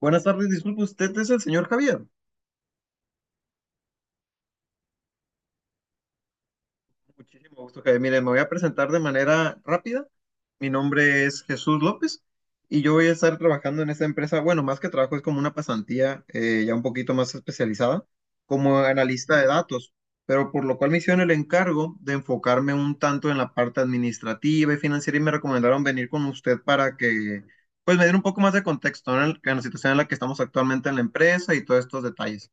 Buenas tardes, disculpe, ¿usted es el señor Javier? Muchísimo gusto, Javier. Mire, me voy a presentar de manera rápida. Mi nombre es Jesús López y yo voy a estar trabajando en esta empresa. Bueno, más que trabajo, es como una pasantía, ya un poquito más especializada, como analista de datos, pero por lo cual me hicieron el encargo de enfocarme un tanto en la parte administrativa y financiera, y me recomendaron venir con usted para que, pues, me diera un poco más de contexto, ¿no? En, en la situación en la que estamos actualmente en la empresa y todos estos detalles.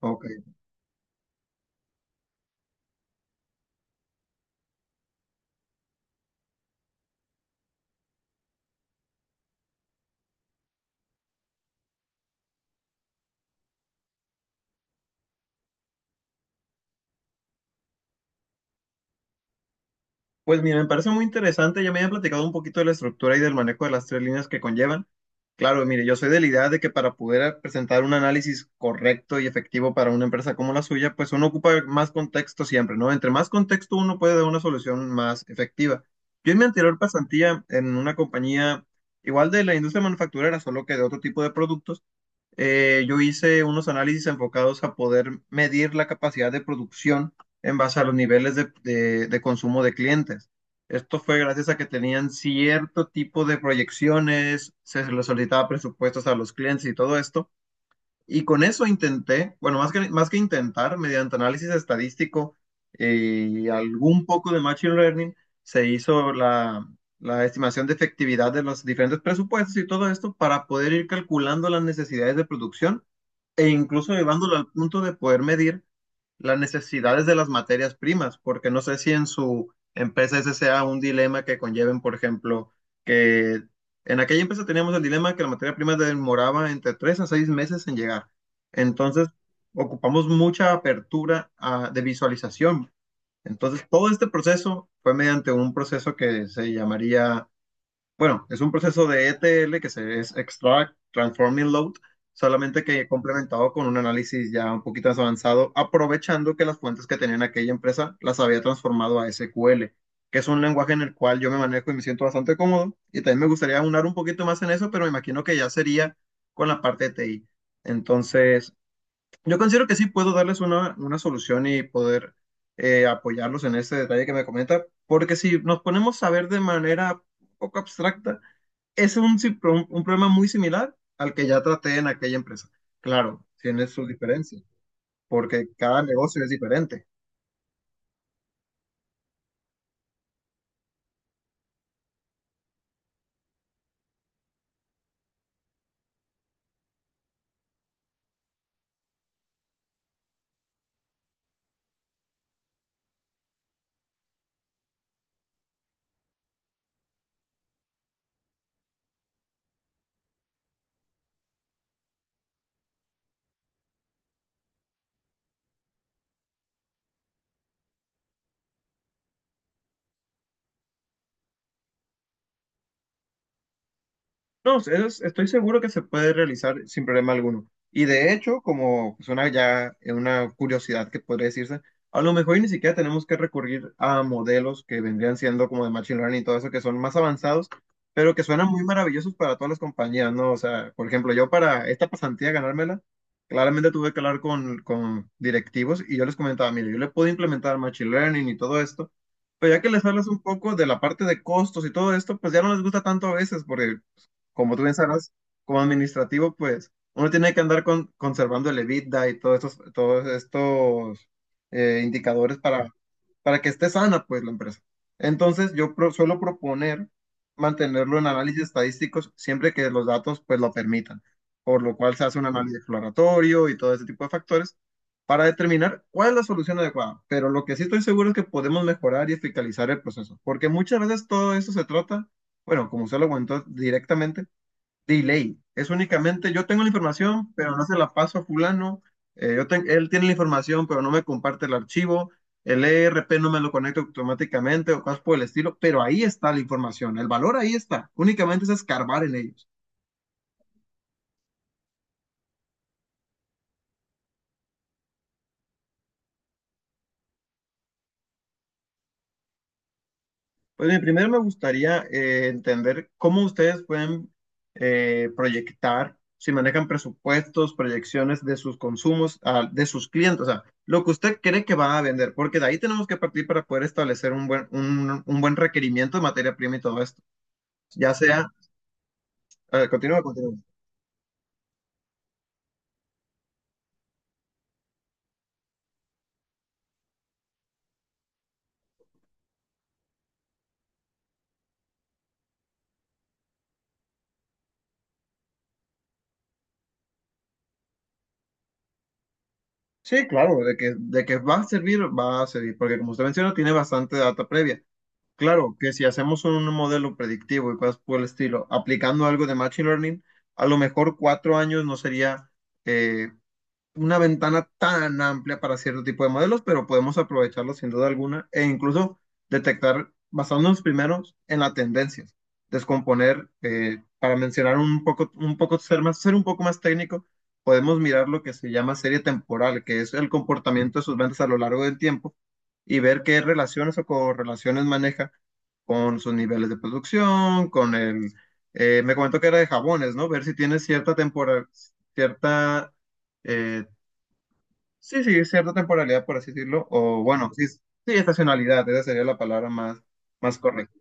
Ok. Pues mira, me parece muy interesante. Ya me habían platicado un poquito de la estructura y del manejo de las tres líneas que conllevan. Claro, mire, yo soy de la idea de que, para poder presentar un análisis correcto y efectivo para una empresa como la suya, pues uno ocupa más contexto siempre, ¿no? Entre más contexto, uno puede dar una solución más efectiva. Yo en mi anterior pasantía en una compañía igual de la industria manufacturera, solo que de otro tipo de productos. Yo hice unos análisis enfocados a poder medir la capacidad de producción en base a los niveles de, de consumo de clientes. Esto fue gracias a que tenían cierto tipo de proyecciones, se les solicitaba presupuestos a los clientes y todo esto. Y con eso intenté, bueno, más que intentar, mediante análisis estadístico y algún poco de Machine Learning, se hizo la estimación de efectividad de los diferentes presupuestos y todo esto, para poder ir calculando las necesidades de producción, e incluso llevándolo al punto de poder medir las necesidades de las materias primas, porque no sé si en su empresa ese sea un dilema que conlleven. Por ejemplo, que en aquella empresa teníamos el dilema que la materia prima demoraba entre tres a seis meses en llegar. Entonces, ocupamos mucha apertura, de visualización. Entonces, todo este proceso fue mediante un proceso que se llamaría, bueno, es un proceso de ETL, que se es Extract, transforming, Load, solamente que complementado con un análisis ya un poquito más avanzado, aprovechando que las fuentes que tenían aquella empresa las había transformado a SQL, que es un lenguaje en el cual yo me manejo y me siento bastante cómodo. Y también me gustaría aunar un poquito más en eso, pero me imagino que ya sería con la parte de TI. Entonces, yo considero que sí puedo darles una solución y poder, apoyarlos en ese detalle que me comenta, porque si nos ponemos a ver de manera poco abstracta, es un, un problema muy similar al que ya traté en aquella empresa. Claro, tiene sus diferencias, porque cada negocio es diferente. No, estoy seguro que se puede realizar sin problema alguno. Y de hecho, como es una ya una curiosidad que podría decirse, a lo mejor y ni siquiera tenemos que recurrir a modelos que vendrían siendo como de machine learning y todo eso, que son más avanzados, pero que suenan muy maravillosos para todas las compañías, ¿no? O sea, por ejemplo, yo para esta pasantía ganármela, claramente tuve que hablar con directivos, y yo les comentaba, mire, yo le puedo implementar machine learning y todo esto. Pero ya que les hablas un poco de la parte de costos y todo esto, pues ya no les gusta tanto a veces, porque, como tú bien sabrás, como administrativo, pues uno tiene que andar con, conservando el EBITDA y todos estos indicadores para que esté sana, pues, la empresa. Entonces, yo suelo proponer mantenerlo en análisis estadísticos siempre que los datos, pues, lo permitan, por lo cual se hace un análisis exploratorio y todo ese tipo de factores, para determinar cuál es la solución adecuada. Pero lo que sí estoy seguro es que podemos mejorar y fiscalizar el proceso, porque muchas veces todo esto se trata, bueno, como usted lo comentó directamente, delay. Es únicamente, yo tengo la información, pero no se la paso a fulano. Yo él tiene la información, pero no me comparte el archivo. El ERP no me lo conecta automáticamente, o cosas por el estilo, pero ahí está la información. El valor ahí está. Únicamente es escarbar en ellos. Pues bien, primero me gustaría, entender cómo ustedes pueden, proyectar, si manejan presupuestos, proyecciones de sus consumos, de sus clientes, o sea, lo que usted cree que va a vender, porque de ahí tenemos que partir para poder establecer un buen requerimiento de materia prima y todo esto. Ya sea, continúa, continúa. Sí, claro, de que va a servir, porque como usted menciona, tiene bastante data previa. Claro, que si hacemos un modelo predictivo y cosas por el estilo, aplicando algo de Machine Learning, a lo mejor cuatro años no sería eh, una ventana tan amplia para cierto tipo de modelos, pero podemos aprovecharlos sin duda alguna, e incluso detectar, basándonos primero en las tendencias, descomponer, para mencionar un poco, ser más, ser un poco más técnico, podemos mirar lo que se llama serie temporal, que es el comportamiento de sus ventas a lo largo del tiempo, y ver qué relaciones o correlaciones maneja con sus niveles de producción, con el... me comentó que era de jabones, ¿no? Ver si tiene cierta temporada, cierta, eh, sí, sí, cierta temporalidad, por así decirlo, o bueno, sí, sí, estacionalidad, esa sería la palabra más, más correcta.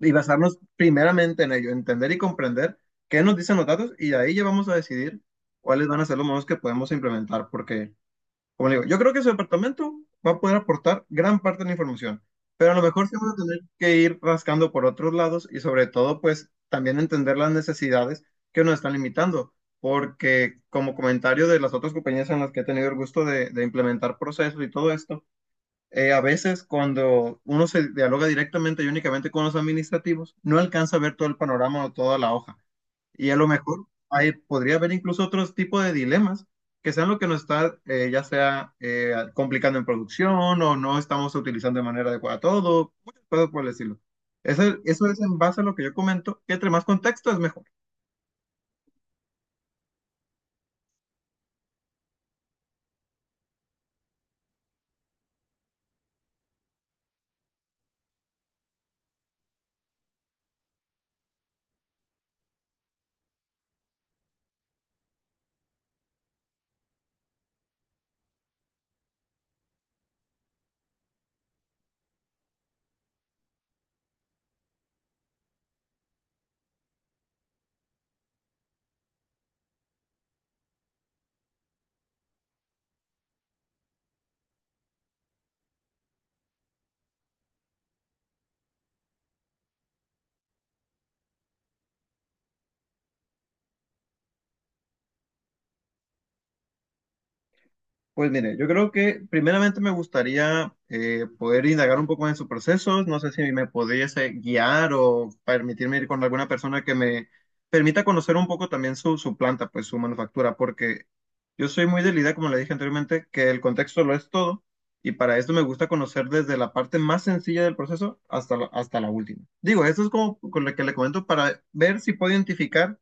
Y basarnos primeramente en ello, entender y comprender qué nos dicen los datos, y de ahí ya vamos a decidir cuáles van a ser los modos que podemos implementar, porque, como le digo, yo creo que su departamento va a poder aportar gran parte de la información, pero a lo mejor sí vamos a tener que ir rascando por otros lados, y sobre todo, pues, también entender las necesidades que nos están limitando, porque como comentario de las otras compañías en las que he tenido el gusto de implementar procesos y todo esto, a veces cuando uno se dialoga directamente y únicamente con los administrativos, no alcanza a ver todo el panorama o toda la hoja. Y a lo mejor ahí podría haber incluso otros tipos de dilemas que sean lo que nos está, ya sea complicando en producción, o no estamos utilizando de manera adecuada todo, muchas cosas por decirlo. Eso es en base a lo que yo comento, que entre más contexto es mejor. Pues mire, yo creo que primeramente me gustaría, poder indagar un poco en sus procesos. No sé si me pudiese guiar o permitirme ir con alguna persona que me permita conocer un poco también su planta, pues su manufactura, porque yo soy muy de la idea, como le dije anteriormente, que el contexto lo es todo, y para esto me gusta conocer desde la parte más sencilla del proceso hasta la última. Digo, esto es como con lo que le comento para ver si puedo identificar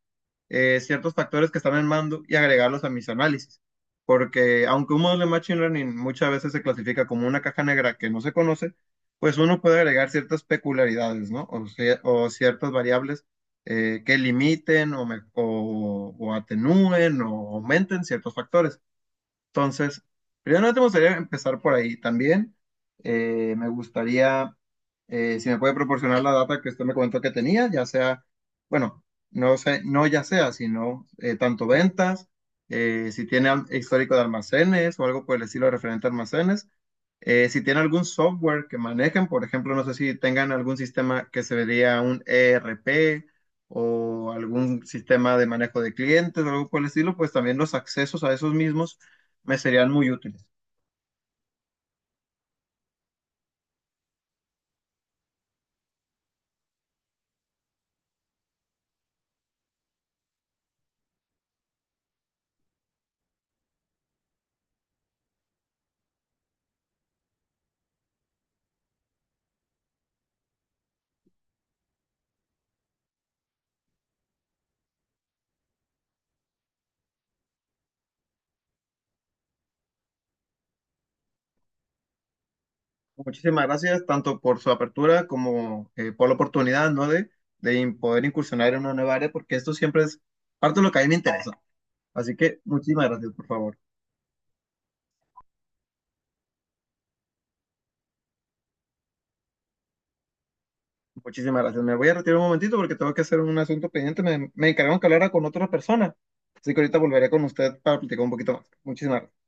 ciertos factores que están en mando y agregarlos a mis análisis. Porque aunque un modelo de Machine Learning muchas veces se clasifica como una caja negra que no se conoce, pues uno puede agregar ciertas peculiaridades, ¿no? O, ciertas variables que limiten, o atenúen o aumenten ciertos factores. Entonces, primero te gustaría empezar por ahí. También, me gustaría, si me puede proporcionar la data que usted me comentó que tenía, ya sea, bueno, no sé, no ya sea, sino tanto ventas, si tiene histórico de almacenes o algo por el estilo referente a almacenes, si tienen algún software que manejen, por ejemplo, no sé si tengan algún sistema que se vería un ERP, o algún sistema de manejo de clientes o algo por el estilo, pues también los accesos a esos mismos me serían muy útiles. Muchísimas gracias tanto por su apertura como, por la oportunidad, ¿no? De, poder incursionar en una nueva área, porque esto siempre es parte de lo que a mí me interesa. Así que muchísimas gracias, por favor. Muchísimas gracias. Me voy a retirar un momentito porque tengo que hacer un asunto pendiente. Me encargaron que hablara con otra persona. Así que ahorita volveré con usted para platicar un poquito más. Muchísimas gracias.